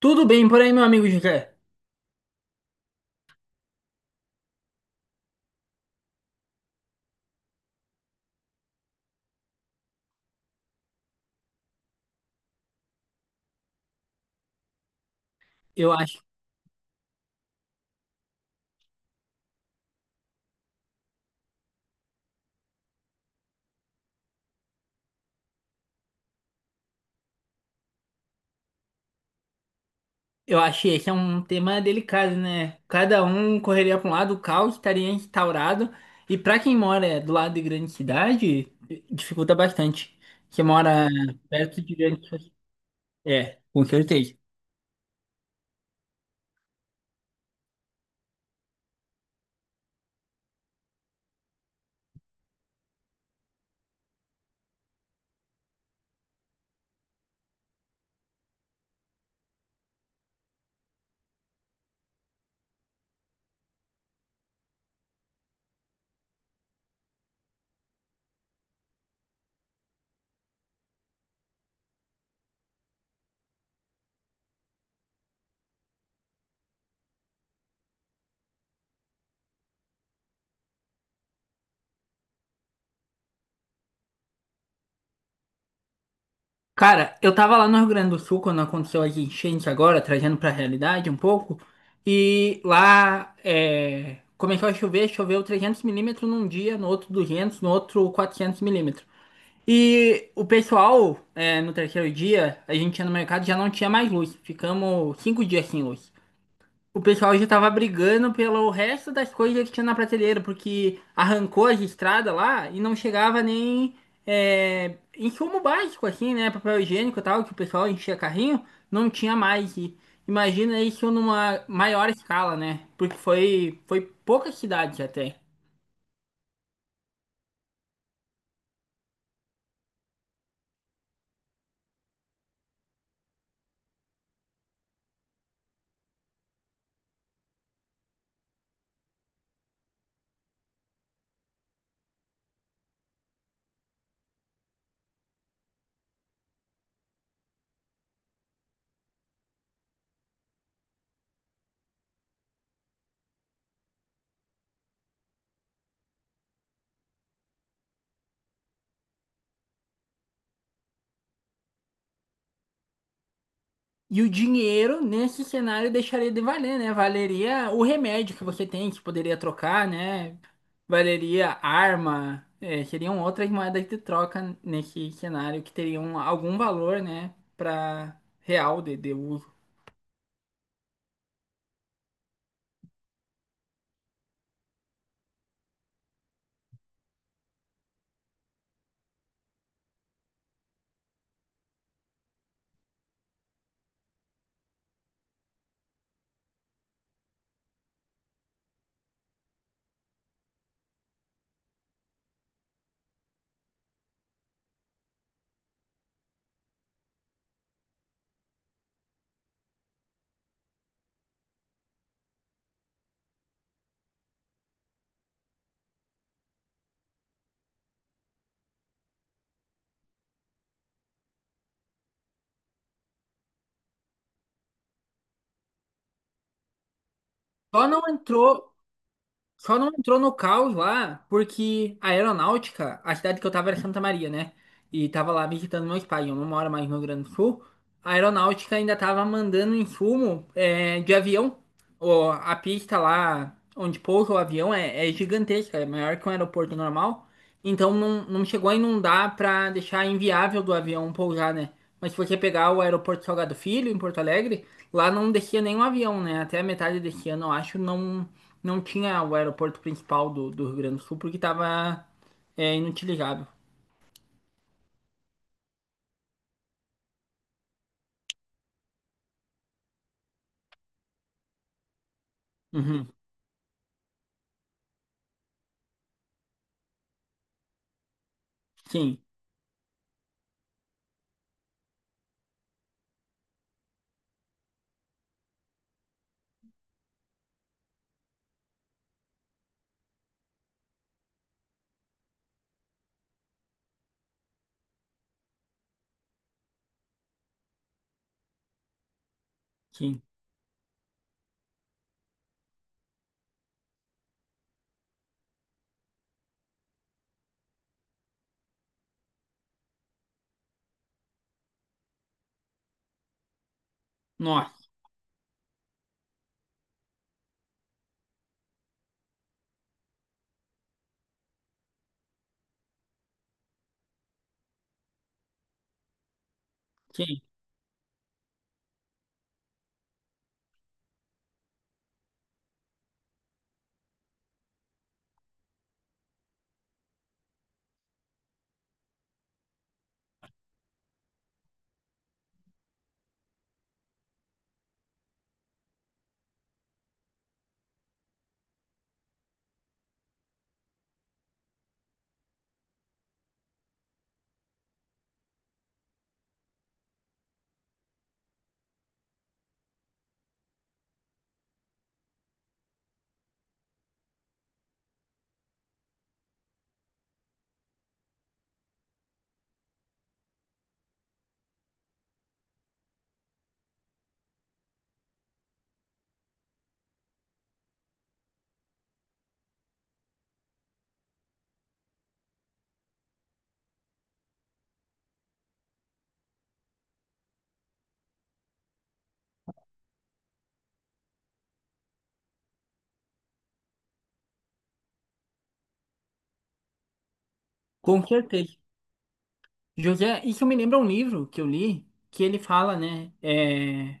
Tudo bem por aí, meu amigo José. Eu acho, eu achei esse é um tema delicado, né? Cada um correria para um lado, o caos estaria instaurado. E para quem mora do lado de grande cidade, dificulta bastante. Quem mora perto de grande cidade. É, com certeza. Cara, eu tava lá no Rio Grande do Sul quando aconteceu as enchentes agora, trazendo para a realidade um pouco. E lá começou a chover, choveu 300 milímetros num dia, no outro 200, no outro 400 milímetros. E o pessoal, no terceiro dia, a gente ia no mercado e já não tinha mais luz. Ficamos 5 dias sem luz. O pessoal já tava brigando pelo resto das coisas que tinha na prateleira, porque arrancou as estradas lá e não chegava nem insumo básico, assim, né? Papel higiênico e tal, que o pessoal enchia carrinho, não tinha mais. E imagina isso numa maior escala, né? Porque foi poucas cidades até. E o dinheiro, nesse cenário, deixaria de valer, né? Valeria o remédio que você tem, que poderia trocar, né? Valeria arma, seriam outras moedas de troca nesse cenário que teriam algum valor, né? Para real de uso. Só não entrou, só não entrou no caos lá, porque a aeronáutica, a cidade que eu tava era Santa Maria, né? E tava lá visitando meus pais, eu não moro mais no Rio Grande do Sul. A aeronáutica ainda estava mandando insumo de avião. A pista lá onde pousa o avião é gigantesca, é maior que um aeroporto normal. Então não chegou a inundar para deixar inviável do avião pousar, né? Mas se você pegar o aeroporto Salgado Filho, em Porto Alegre, lá não descia nenhum avião, né? Até a metade desse ano, eu acho, não tinha o aeroporto principal do Rio Grande do Sul, porque estava inutilizável. Uhum. Sim, sim. Nossa, sim. Com certeza. José, isso me lembra um livro que eu li, que ele fala, né, é,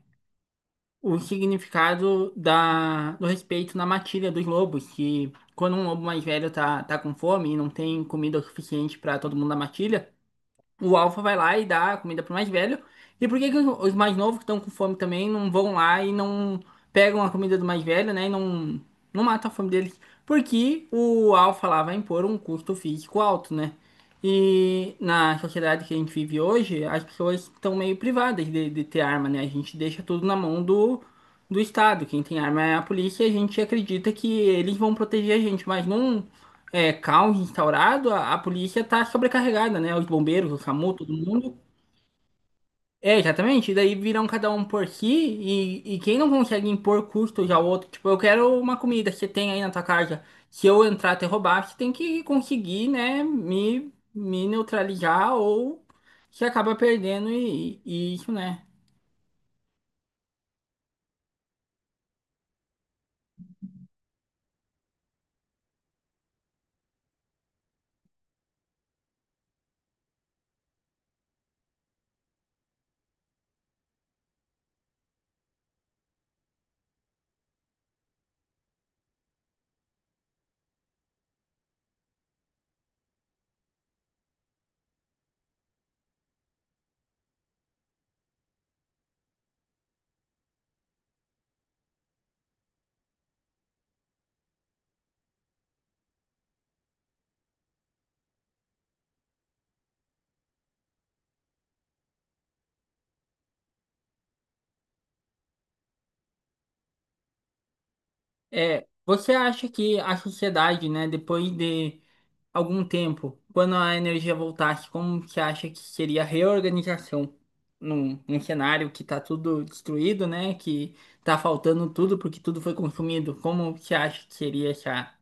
o significado do respeito na matilha dos lobos, que quando um lobo mais velho tá com fome e não tem comida o suficiente para todo mundo na matilha, o alfa vai lá e dá a comida pro mais velho. E por que que os mais novos que estão com fome também não vão lá e não pegam a comida do mais velho, né? E não matam a fome deles? Porque o alfa lá vai impor um custo físico alto, né? E na sociedade que a gente vive hoje, as pessoas estão meio privadas de ter arma, né? A gente deixa tudo na mão do Estado. Quem tem arma é a polícia e a gente acredita que eles vão proteger a gente, mas não é, caos instaurado, a polícia tá sobrecarregada, né? Os bombeiros, o SAMU, todo mundo. É, exatamente. E daí viram cada um por si e quem não consegue impor custos ao outro, tipo, eu quero uma comida que você tem aí na tua casa. Se eu entrar te roubar, você tem que conseguir, né, me neutralizar ou você acaba perdendo e isso, né? É, você acha que a sociedade, né, depois de algum tempo, quando a energia voltasse, como que acha que seria a reorganização num cenário que tá tudo destruído, né? Que tá faltando tudo porque tudo foi consumido. Como que acha que seria essa?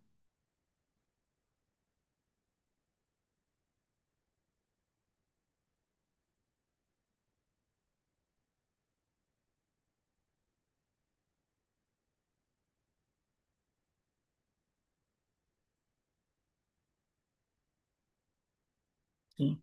Sim.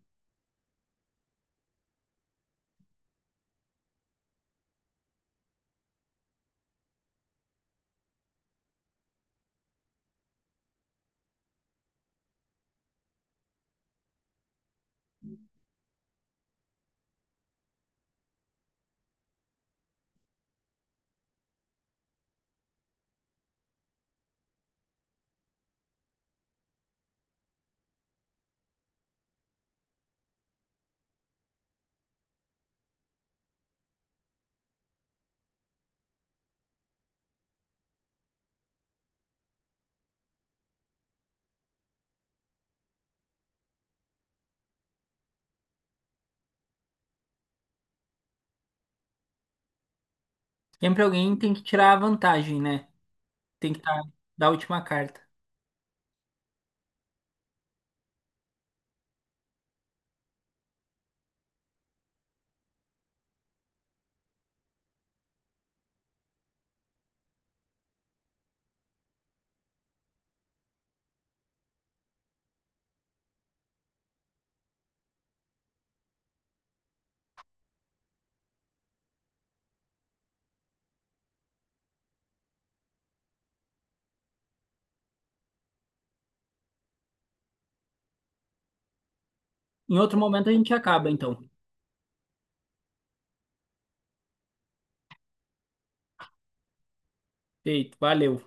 Sempre alguém tem que tirar a vantagem, né? Tem que estar da última carta. Em outro momento a gente acaba, então. Feito, valeu.